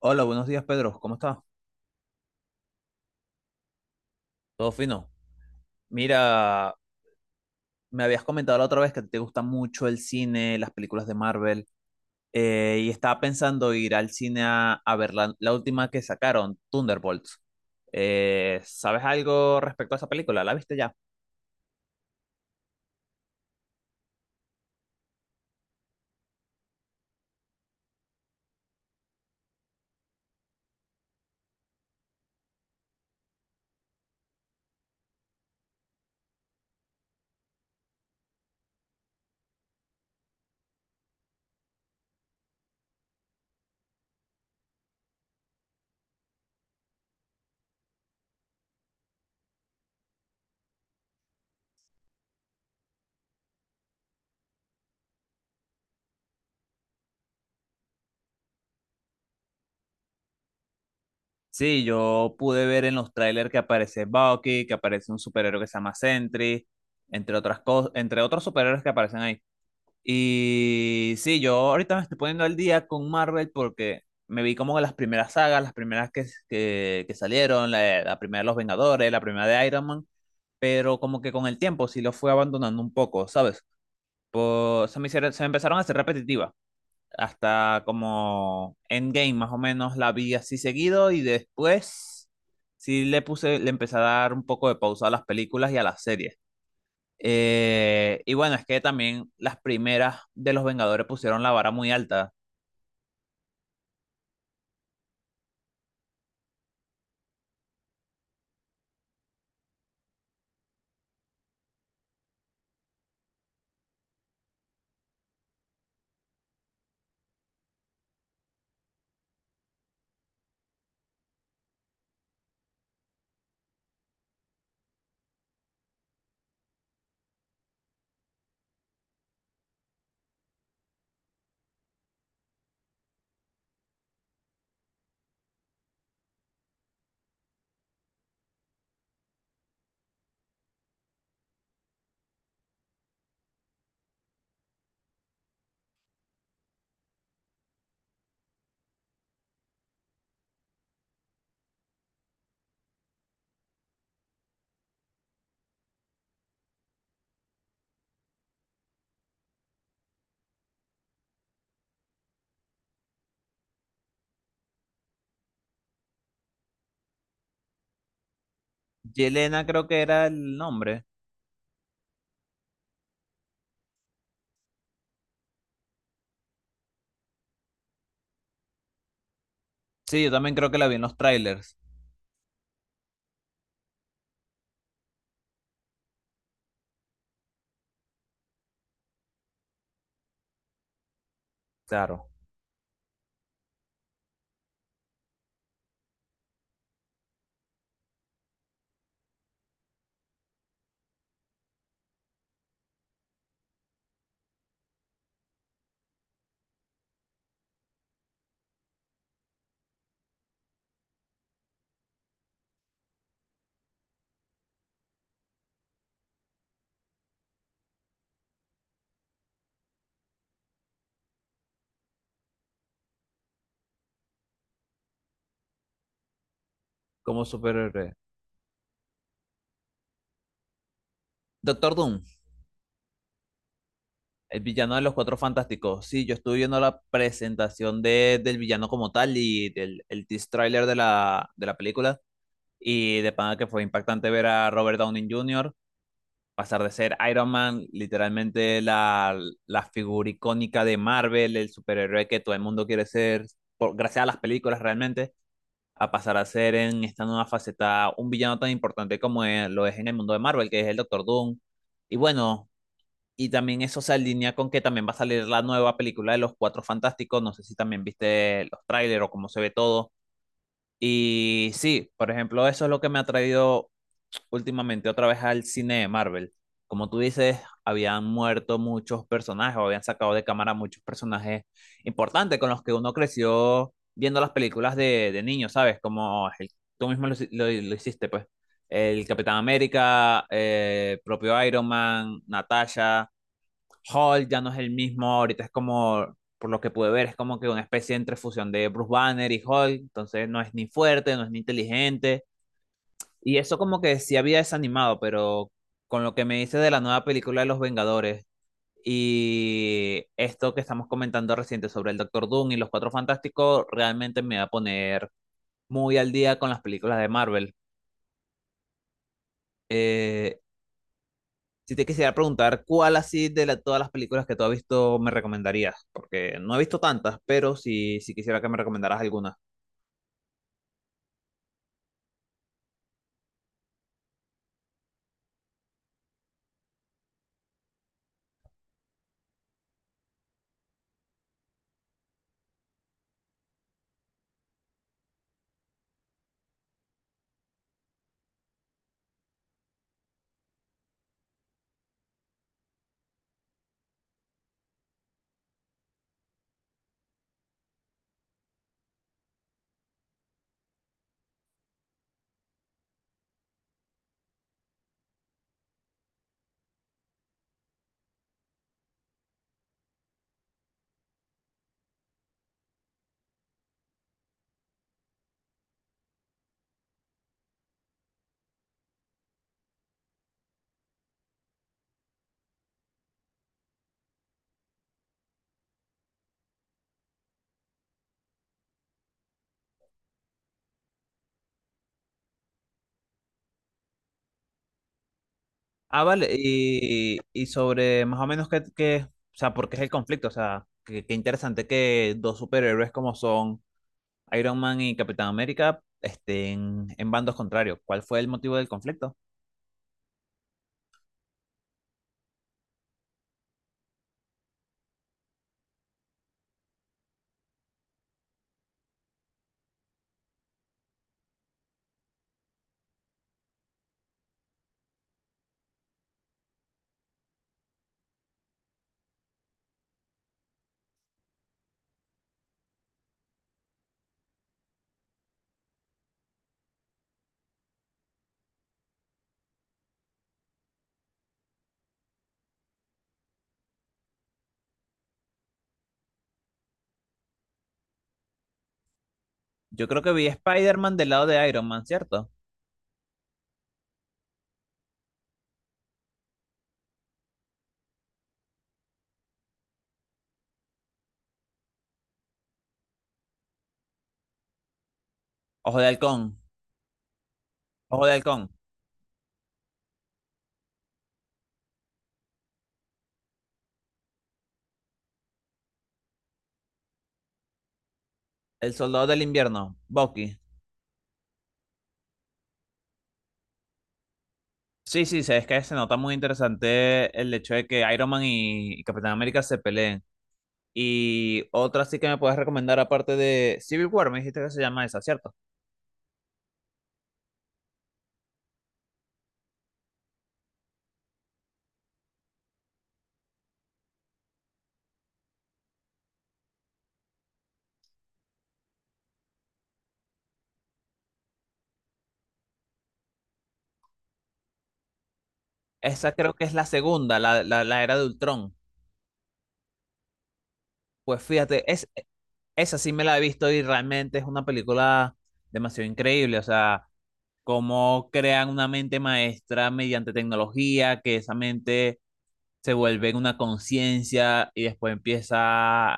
Hola, buenos días, Pedro. ¿Cómo estás? Todo fino. Mira, me habías comentado la otra vez que te gusta mucho el cine, las películas de Marvel. Y estaba pensando ir al cine a ver la última que sacaron, Thunderbolts. ¿Sabes algo respecto a esa película? ¿La viste ya? Sí, yo pude ver en los trailers que aparece Bucky, que aparece un superhéroe que se llama Sentry, entre otras cosas, entre otros superhéroes que aparecen ahí. Y sí, yo ahorita me estoy poniendo al día con Marvel porque me vi como las primeras sagas, las primeras que salieron, la primera de Los Vengadores, la primera de Iron Man, pero como que con el tiempo sí lo fui abandonando un poco, ¿sabes? Pues se me empezaron a hacer repetitivas, hasta como Endgame más o menos la vi así seguido y después sí le empecé a dar un poco de pausa a las películas y a las series. Y bueno, es que también las primeras de los Vengadores pusieron la vara muy alta. Yelena creo que era el nombre. Sí, yo también creo que la vi en los trailers. Claro, como superhéroe. Doctor Doom, el villano de los Cuatro Fantásticos. Sí, yo estuve viendo la presentación del villano como tal y el tease trailer de la película. Y de pana que fue impactante ver a Robert Downey Jr. pasar de ser Iron Man, literalmente la figura icónica de Marvel, el superhéroe que todo el mundo quiere ser, gracias a las películas realmente, a pasar a ser en esta nueva faceta un villano tan importante lo es en el mundo de Marvel, que es el Doctor Doom. Y bueno, y también eso se alinea con que también va a salir la nueva película de los Cuatro Fantásticos, no sé si también viste los trailers o cómo se ve todo. Y sí, por ejemplo, eso es lo que me ha traído últimamente otra vez al cine de Marvel. Como tú dices, habían muerto muchos personajes o habían sacado de cámara muchos personajes importantes con los que uno creció viendo las películas de niño, ¿sabes? Tú mismo lo hiciste, pues. El Capitán América, propio Iron Man, Natasha, Hulk ya no es el mismo, ahorita es como, por lo que pude ver, es como que una especie entre fusión de Bruce Banner y Hulk, entonces no es ni fuerte, no es ni inteligente y eso como que sí había desanimado, pero con lo que me dices de la nueva película de Los Vengadores y esto que estamos comentando reciente sobre el Doctor Doom y los Cuatro Fantásticos, realmente me va a poner muy al día con las películas de Marvel. Eh, si te quisiera preguntar, ¿cuál así todas las películas que tú has visto me recomendarías? Porque no he visto tantas, pero sí quisiera que me recomendaras alguna. Ah, vale, y sobre más o menos o sea, por qué es el conflicto, o sea, qué interesante que dos superhéroes como son Iron Man y Capitán América estén en bandos contrarios. ¿Cuál fue el motivo del conflicto? Yo creo que vi a Spider-Man del lado de Iron Man, ¿cierto? Ojo de Halcón. Ojo de Halcón. El Soldado del Invierno, Bucky. Sí, sí, sí, es que se nota muy interesante el hecho de que Iron Man y Capitán América se peleen. Y otra sí que me puedes recomendar aparte de Civil War, me dijiste que se llama esa, ¿cierto? Esa creo que es la segunda, la era de Ultrón. Pues fíjate, esa sí me la he visto y realmente es una película demasiado increíble. O sea, cómo crean una mente maestra mediante tecnología, que esa mente se vuelve en una conciencia y después empieza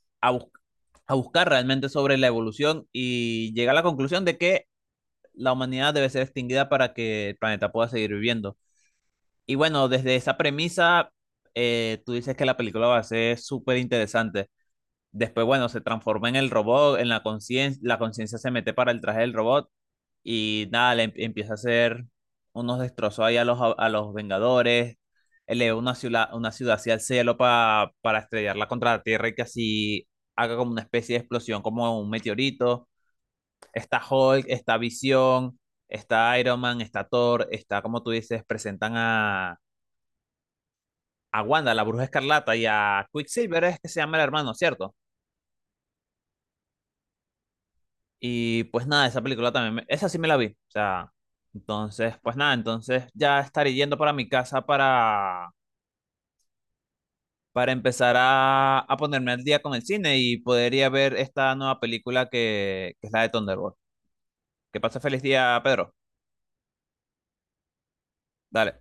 bus- a buscar realmente sobre la evolución y llega a la conclusión de que la humanidad debe ser extinguida para que el planeta pueda seguir viviendo. Y bueno, desde esa premisa, tú dices que la película va a ser súper interesante. Después, bueno, se transforma en el robot, en la conciencia se mete para el traje del robot y nada, empieza a hacer unos destrozos ahí a los Vengadores, eleva una ciudad hacia el cielo para estrellarla contra la Tierra y que así haga como una especie de explosión, como un meteorito. Está Hulk, está Visión, está Iron Man, está Thor, está, como tú dices, presentan a Wanda, la Bruja Escarlata y a Quicksilver es que se llama el hermano, ¿cierto? Y pues nada, esa película también, esa sí me la vi, o sea, entonces, pues nada, entonces ya estaré yendo para mi casa para empezar a ponerme al día con el cine y podría ver esta nueva película que es la de Thunderbolt. Que pase feliz día, Pedro. Dale.